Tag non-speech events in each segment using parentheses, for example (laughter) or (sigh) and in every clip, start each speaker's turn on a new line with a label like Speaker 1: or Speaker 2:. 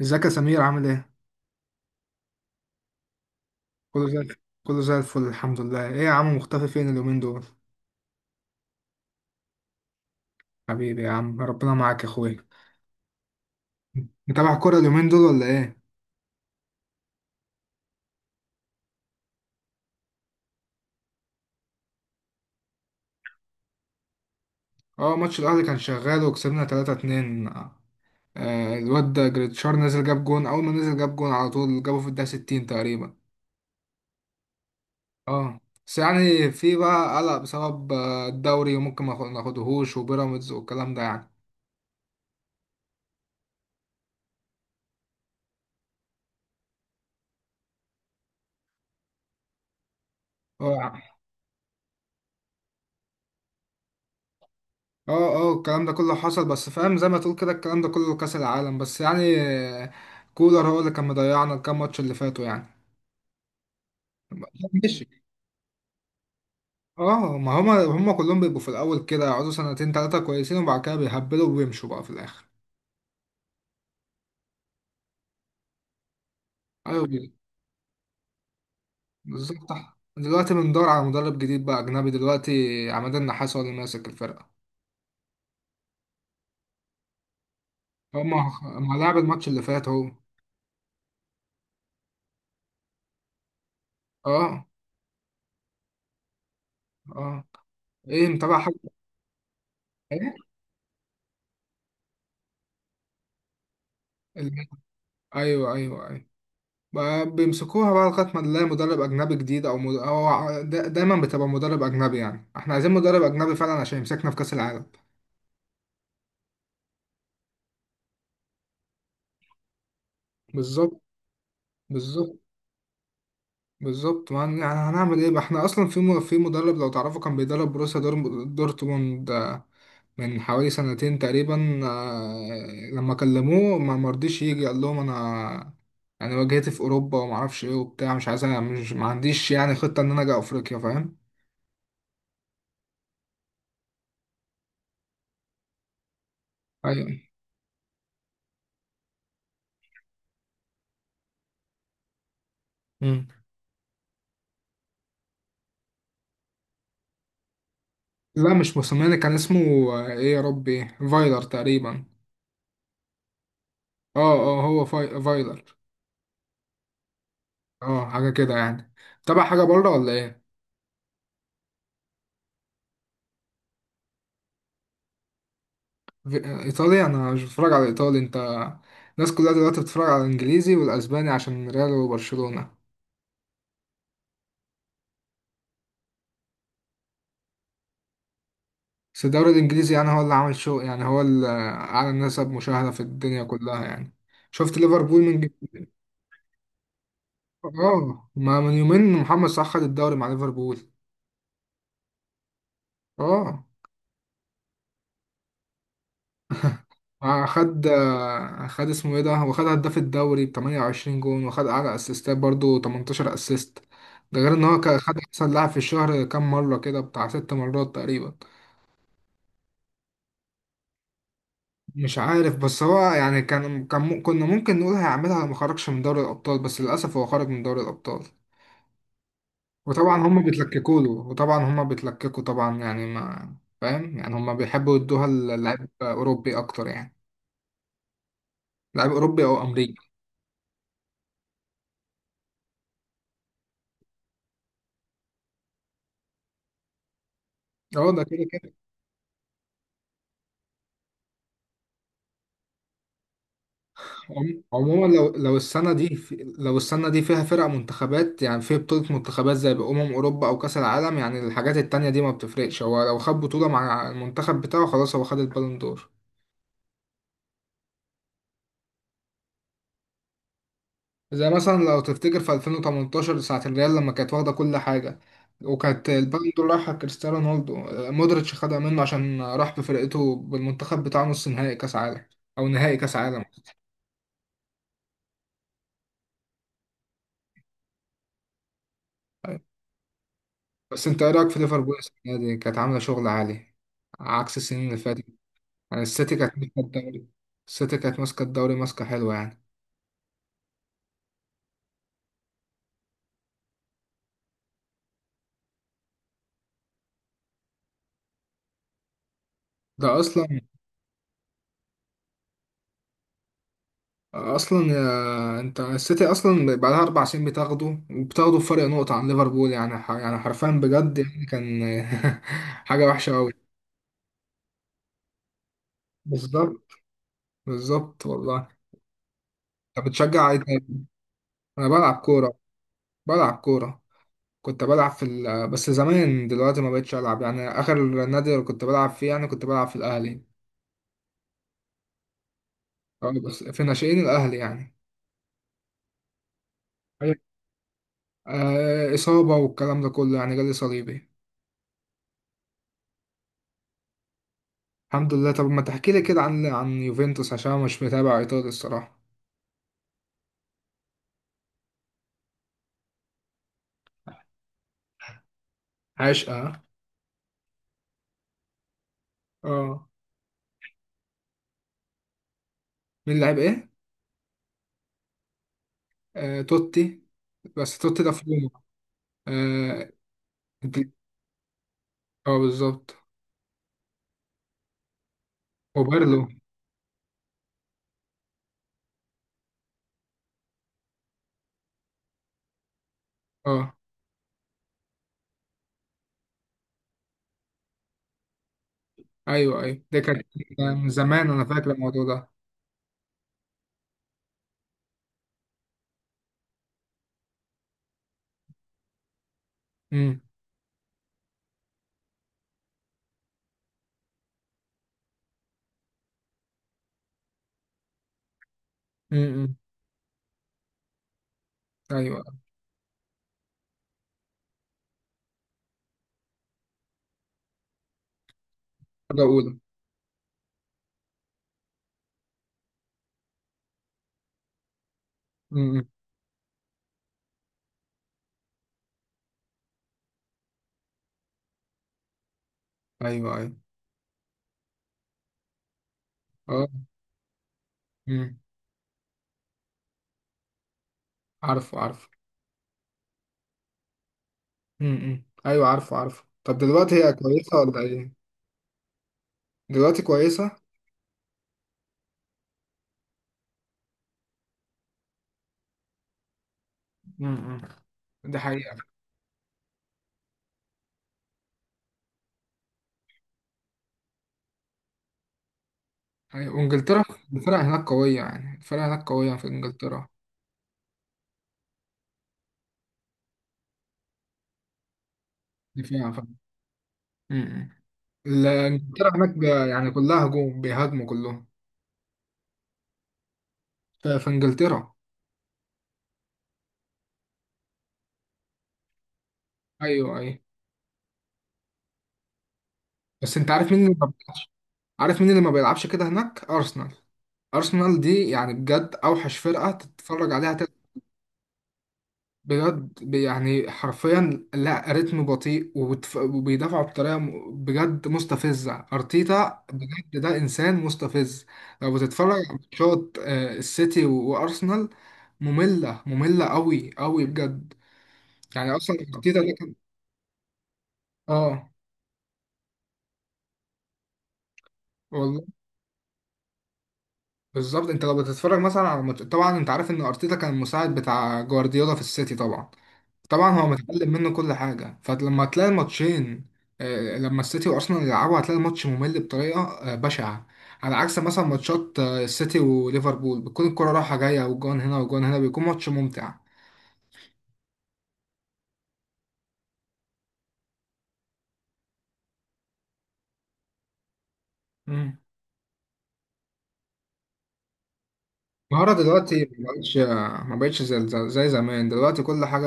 Speaker 1: ازيك يا سمير عامل ايه؟ كله زي كله زي الفل الحمد لله، ايه يا عم مختفي فين اليومين دول؟ حبيبي يا عم ربنا معاك يا اخويا. متابع كورة اليومين دول ولا ايه؟ اه. ماتش الأهلي كان شغال وكسبنا 3-2. الواد ده جريتشار نزل جاب جون، أول ما نزل جاب جون على طول جابه في الدقيقة 60 تقريبا. اه. بس يعني في بقى قلق بسبب الدوري وممكن ما ناخدهوش وبيراميدز والكلام ده يعني. اه، اه، اه. الكلام ده كله حصل بس فاهم زي ما تقول كده الكلام ده كله كأس العالم بس يعني. كولر هو اللي كان مضيعنا الكام ماتش اللي فاتوا يعني. ماشي. اه. ما هما كلهم بيبقوا في الأول كده يقعدوا سنتين تلاتة كويسين وبعد كده بيهبلوا وبيمشوا بقى في الآخر. أيوة، بالظبط. دلوقتي بندور على مدرب جديد بقى أجنبي دلوقتي. عماد النحاس هو اللي ماسك الفرقة. هما ما لعب الماتش اللي فات اهو. اه، اه. ايه متابع حاجة. ايه ال- ايوه، ايوه، ايوه. ما بيمسكوها بقى لغاية ما نلاقي مدرب أجنبي جديد أو, مد... أو ع- دا- دايما بتبقى مدرب أجنبي يعني إحنا عايزين مدرب أجنبي فعلا عشان يمسكنا في كأس العالم. بالظبط. بالظبط. بالظبط. ما هن- يعني هنعمل إيه بقى إحنا أصلا في مدرب لو تعرفه كان بيدرب بروسيا دورتموند من حوالي سنتين تقريبا، لما كلموه ما مرضيش يجي قال لهم أنا يعني واجهتي في أوروبا ومعرفش إيه وبتاع مش عايز، أنا مش ما عنديش يعني خطة إن أنا أجي أفريقيا، فاهم؟ أيوه. مم. لا، مش موسوماني كان اسمه. ايه يا ربي، فايلر تقريبا. اه، اه، هو فايلر. اه، حاجة كده يعني. تابع حاجة بره ولا ايه؟ ايطالي، انا مش بتفرج على ايطالي انت. الناس كلها دلوقتي بتتفرج على الانجليزي والاسباني عشان ريال وبرشلونة. بس الدوري الانجليزي يعني هو اللي عامل شو، يعني هو اللي اعلى نسب مشاهدة في الدنيا كلها يعني. شفت ليفربول من. اه. ما من يومين محمد صلاح خد الدوري مع ليفربول. اه. خد، خد اسمه ايه ده، هو خد هداف الدوري ب 28 جون وخد اعلى اسيستات برضه 18 اسيست. ده غير ان هو خد احسن لاعب في الشهر كام مره كده، بتاع 6 مرات تقريبا. مش عارف، بس هو يعني كنا ممكن نقول هيعملها لو ما خرجش من دوري الابطال، بس للاسف هو خرج من دوري الابطال. وطبعا هما بيتلككوا له، وطبعا هما بيتلككوا، طبعا يعني ما، فاهم يعني، هما بيحبوا يدوها للاعب اوروبي اكتر يعني. لاعب اوروبي او امريكي. اه. ده كده كده. عموما لو السنة دي لو السنة دي فيها فرق منتخبات، يعني في بطولة منتخبات زي أمم أوروبا أو كأس العالم، يعني الحاجات التانية دي ما بتفرقش. هو لو خد بطولة مع المنتخب بتاعه خلاص، هو خد البالون دور. زي مثلا لو تفتكر في 2018 ساعة الريال لما كانت واخدة كل حاجة، وكانت البالون دور رايحة كريستيانو رونالدو. مودريتش خدها منه عشان راح بفرقته بالمنتخب بتاعه نص نهائي كأس عالم، أو نهائي كأس عالم. بس أنت إيه رأيك في ليفربول؟ السنة دي كانت عاملة شغل عالي عكس السنين اللي فاتت. يعني السيتي كانت ماسكة الدوري. السيتي كانت ماسكة الدوري ماسكة حلوة يعني. ده أصلا. أصلا يا انت، السيتي أصلا بقالها 4 سنين بتاخده وبتاخده بفرق نقطة عن ليفربول، يعني يعني حرفيا بجد يعني كان (laughs) حاجة وحشة أوي. بالظبط. بالظبط والله. أنت بتشجع إيه تاني؟ أنا بلعب كورة. بلعب كورة. كنت بلعب بس زمان، دلوقتي ما بقتش ألعب، يعني آخر نادي كنت بلعب فيه يعني كنت بلعب في الأهلي. أه، بس في ناشئين الأهلي يعني. إصابة والكلام ده كله يعني، جالي صليبي. الحمد لله. طب ما تحكي لي كده عن يوفنتوس، عشان أنا مش متابع إيطالي الصراحة. عشقة. اه. مين لعب إيه؟ توتي. بس توتي ده في روما. اه. دي- بالظبط. وبيرلو. اه. أيوه، أيوه، ده كان من زمان. أنا فاكر الموضوع ده. امم. امم. إمم. أيوه. حاجة أولى. امم. إمم. أيوه، أيوه. اه. امم. عارفه عارفه. امم. إمم. أيوه عارفه عارفه. طب دلوقتي هي كويسة ولا إيه؟ دلوقتي كويسة؟ امم. ده حقيقة. حقيقة. وانجلترا الفرق هناك قوية، يعني الفرق هناك قوية في انجلترا. دي فيها فرق. امم. انجلترا هناك يعني كلها هجوم، بيهاجموا كلهم. في انجلترا. ايوه، ايوه. بس انت عارف مين اللي ما بيلعبش. عارف مين اللي ما بيلعبش كده هناك؟ ارسنال. ارسنال دي يعني بجد اوحش فرقة تتفرج عليها. بجد يعني حرفيا، لا رتم بطيء وبيدافعوا بطريقه بجد مستفزه. ارتيتا بجد ده انسان مستفز. لو بتتفرج على ماتشات السيتي وارسنال، ممله ممله قوي قوي بجد. يعني اصلا ارتيتا ده كان. اه. والله. بالظبط. انت لو بتتفرج مثلا على ماتش، طبعا انت عارف ان ارتيتا كان المساعد بتاع جوارديولا في السيتي طبعا. طبعا هو متعلم منه كل حاجة، فلما تلاقي الماتشين، لما السيتي وارسنال يلعبوا، هتلاقي الماتش ممل بطريقة بشعة. على عكس مثلا ماتشات السيتي وليفربول، بتكون الكرة رايحة جاية وجون هنا وجون هنا، بيكون ماتش ممتع. مم. المهارة دلوقتي ما بقتش زي زمان، دلوقتي كل حاجة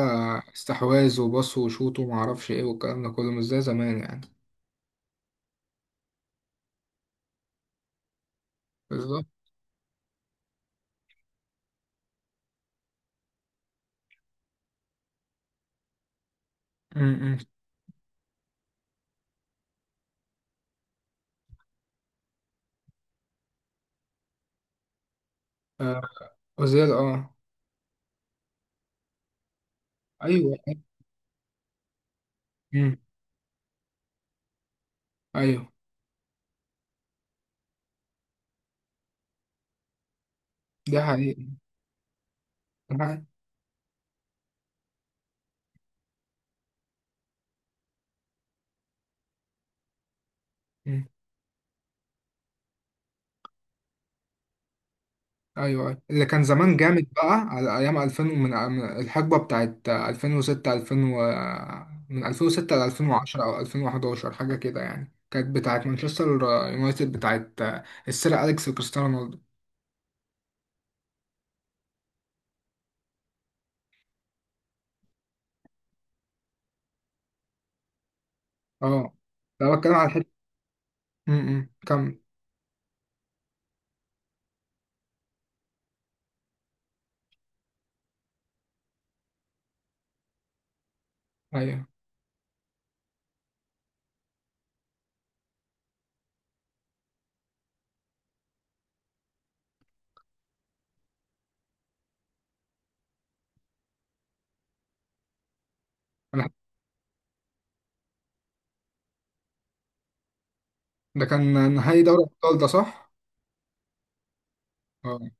Speaker 1: استحواذ وباص وشوط وما اعرفش ايه، والكلام ده كله مش زي زمان يعني. بالظبط. مم. آه، أوزيل. اه. ايوه، أيوه. مم. ايوه. دي حقيقة. دي حقيقة. مم. ايوه اللي كان زمان جامد بقى على ايام 2000، ومن الحقبه بتاعت 2006، من 2006 ل 2010 او 2011 حاجه كده يعني، كانت بتاعت مانشستر يونايتد، بتاعت السير اليكس وكريستيانو رونالدو. اه. لو بتكلم على الحته. م- م. كم. ايوه. أنا- ده كان نهائي دوري الابطال ده، صح؟ اه.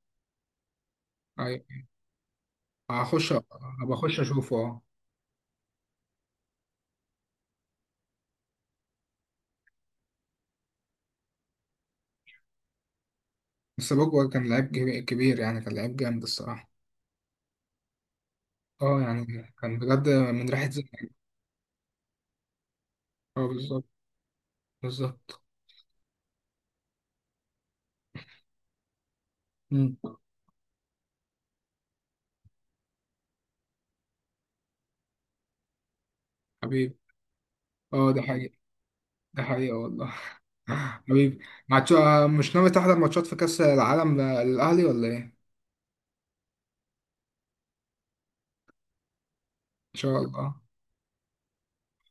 Speaker 1: ايوه. هخش هبقى. اخش اشوفه. اه. بس بوجبا كان لعيب كبير، يعني كان لعيب جامد الصراحه. اه، يعني كان بجد من ريحه زي. اه. بالظبط. بالظبط. مم. حبيبي. اه ده حقيقة. ده حقيقة والله. (laughs) حبيبي، ماتش مش ناوي تحضر ماتشات في كأس العالم للأهلي ولا إيه؟ إن شاء الله.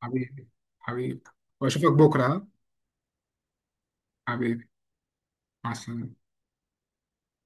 Speaker 1: حبيبي، حبيبي. وأشوفك بكرة، ها؟ حبيبي. مع السلامة.